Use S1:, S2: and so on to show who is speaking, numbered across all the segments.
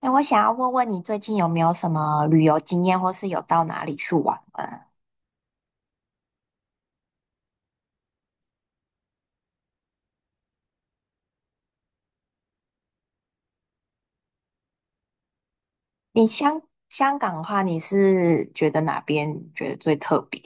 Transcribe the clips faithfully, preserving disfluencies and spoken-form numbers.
S1: 哎，我想要问问你，最近有没有什么旅游经验，或是有到哪里去玩吗？你香香港的话，你是觉得哪边觉得最特别？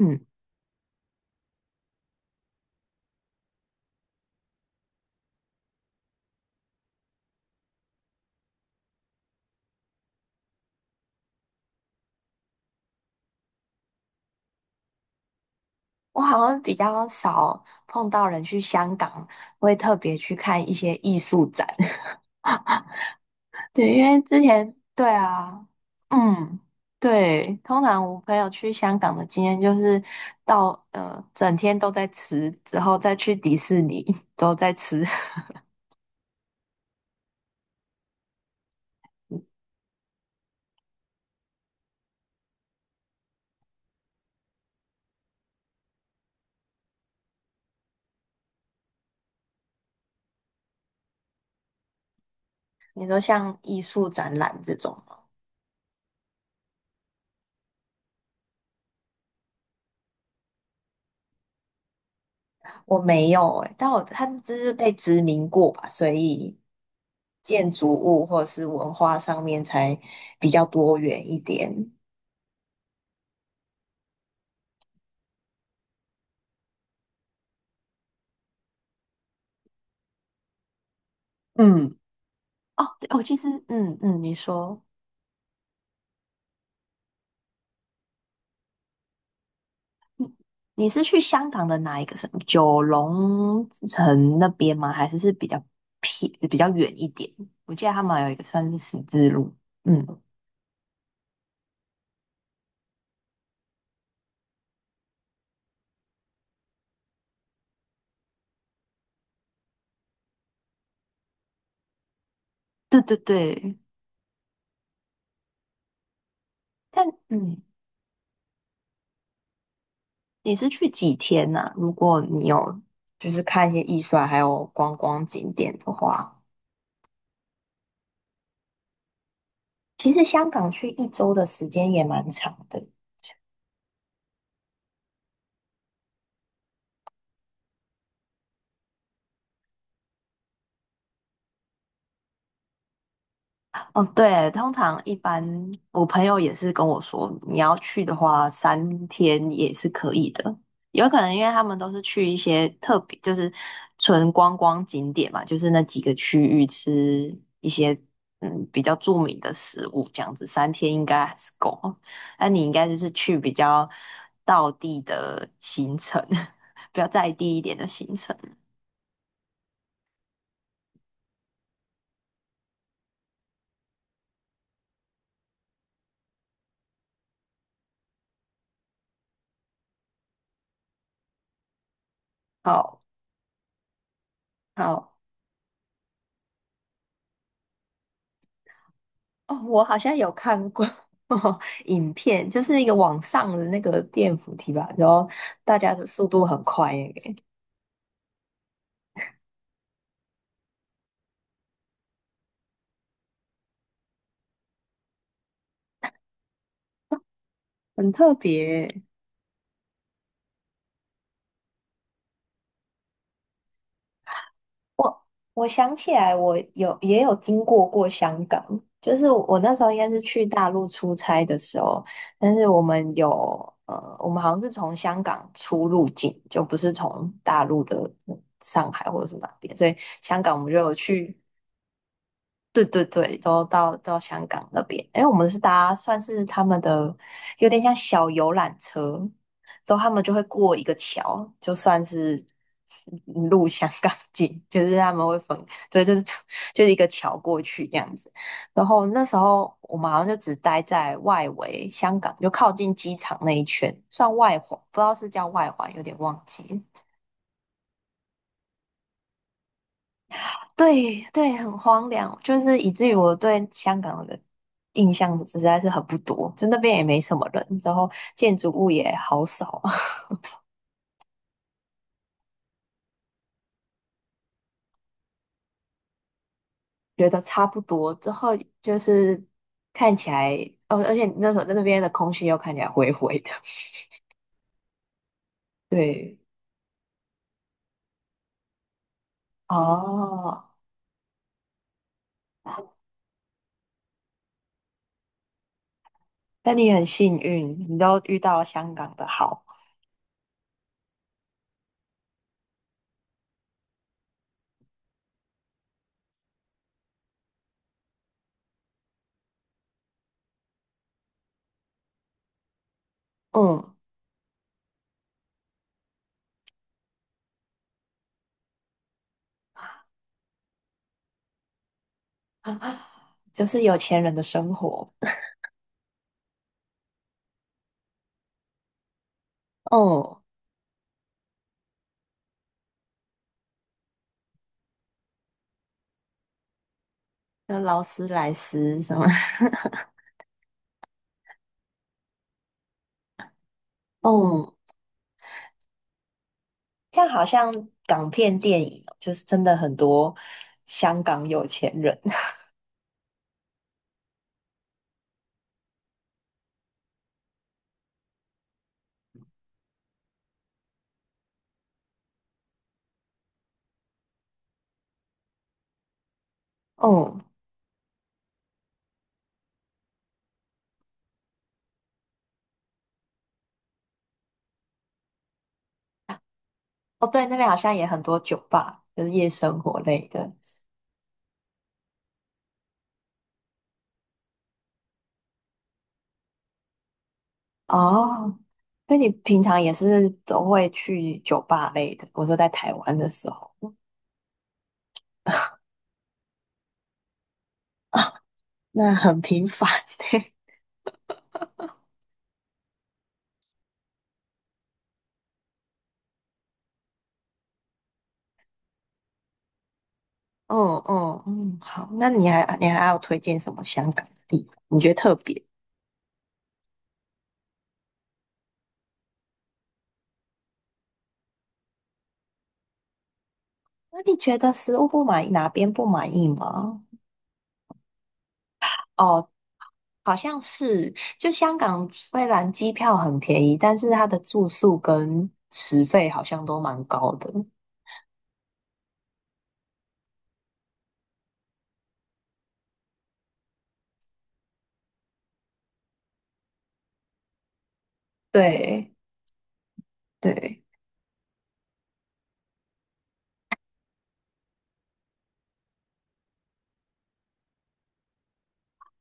S1: 嗯，我好像比较少碰到人去香港，会特别去看一些艺术展。对，因为之前对啊，嗯，对，通常我朋友去香港的经验就是到呃，整天都在吃，之后再去迪士尼，之后再吃。你说像艺术展览这种。我没有诶、但我他们就是被殖民过吧，所以建筑物或者是文化上面才比较多元一点。嗯，哦，对我其实，嗯嗯，你说你是去香港的哪一个什么九龙城那边吗？还是是比较偏比较远一点？我记得他们有一个算是十字路，嗯，对对对，但嗯。你是去几天呐、如果你有就是看一些艺术啊，还有观光景点的话，其实香港去一周的时间也蛮长的。哦，对，通常一般我朋友也是跟我说，你要去的话，三天也是可以的。有可能因为他们都是去一些特别，就是纯观光景点嘛，就是那几个区域吃一些嗯比较著名的食物，这样子三天应该还是够。那你应该就是去比较到地的行程，比较在地一点的行程。好好。哦，我好像有看过 影片，就是一个网上的那个电扶梯吧，然后大家的速度很快耶，很特别耶我我想起来，我有也有经过过香港，就是我那时候应该是去大陆出差的时候，但是我们有呃，我们好像是从香港出入境，就不是从大陆的上海或者是哪边，所以香港我们就有去。对对对，都到到香港那边，因为我们是搭算是他们的有点像小游览车，之后他们就会过一个桥，就算是入香港境，就是他们会分，对，就是 就是一个桥过去这样子。然后那时候我们好像就只待在外围香港，就靠近机场那一圈，算外环，不知道是叫外环，有点忘记了。对对，很荒凉，就是以至于我对香港的印象实在是很不多，就那边也没什么人，之后建筑物也好少，觉得差不多。之后就是看起来，哦，而且那时候在那边的空气又看起来灰灰的。对，哦，那你很幸运，你都遇到了香港的好，嗯，就是有钱人的生活，嗯，那劳斯莱斯什么，嗯。像好像港片电影哦就是真的很多香港有钱人。哦哦，对，那边好像也很多酒吧，就是夜生活类的。哦，那你平常也是都会去酒吧类的？我说在台湾的时候，那很频繁。嗯嗯嗯，好，那你还你还要推荐什么香港的地方？你觉得特别？那你觉得食物不满意，哪边不满意吗？哦，好像是，就香港虽然机票很便宜，但是它的住宿跟食费好像都蛮高的。对对，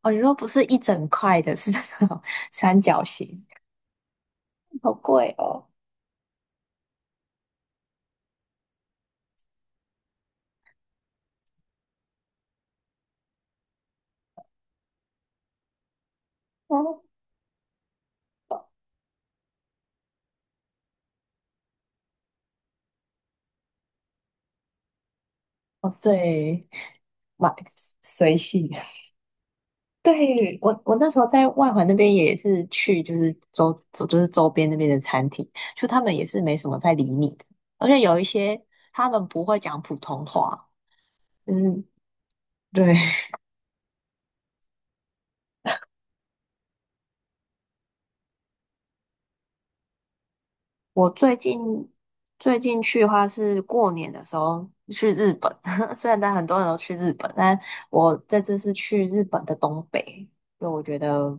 S1: 哦，你说不是一整块的，是那种 三角形，好贵哦。哦，哦，对，买随性。对，我，我那时候在外环那边也是去，就是周周就是周边那边的餐厅，就他们也是没什么在理你的，而且有一些他们不会讲普通话，就是对，我最近最近去的话是过年的时候去日本，虽然但很多人都去日本，但我这次是去日本的东北，因为我觉得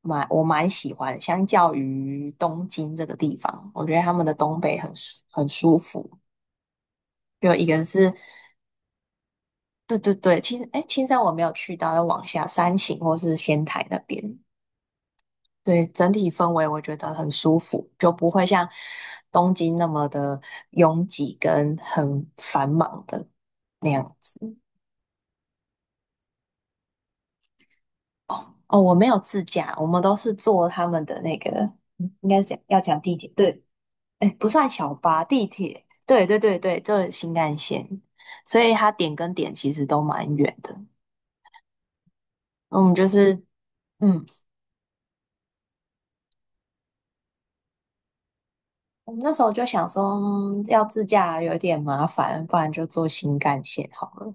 S1: 蛮我蛮喜欢，相较于东京这个地方，我觉得他们的东北很舒很舒服。就一个是，对对对，青哎青山我没有去到，要往下山形或是仙台那边，对，整体氛围我觉得很舒服，就不会像东京那么的拥挤跟很繁忙的那样子。哦，我没有自驾，我们都是坐他们的那个，嗯应该是讲要讲地铁，对，哎，不算小巴，地铁，对对对对，就是新干线，所以它点跟点其实都蛮远的。我们就是，嗯，我们那时候就想说，嗯要自驾有点麻烦，不然就坐新干线好了。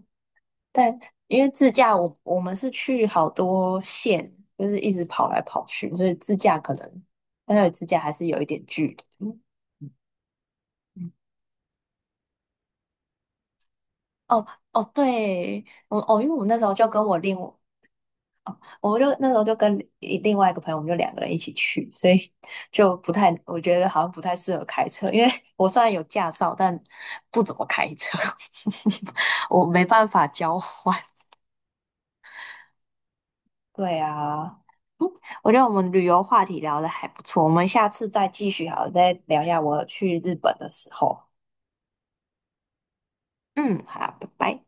S1: 但因为自驾我，我们是去好多县，就是一直跑来跑去，所以自驾可能，但那里自驾还是有一点距离。嗯哦哦，对，我哦，因为我们那时候就跟我另，我就那时候就跟另另外一个朋友，我们就两个人一起去，所以就不太，我觉得好像不太适合开车，因为 我虽然有驾照，但不怎么开车，我没办法交换。对啊，我觉得我们旅游话题聊的还不错，我们下次再继续好了再聊一下我去日本的时候。嗯，好，拜拜。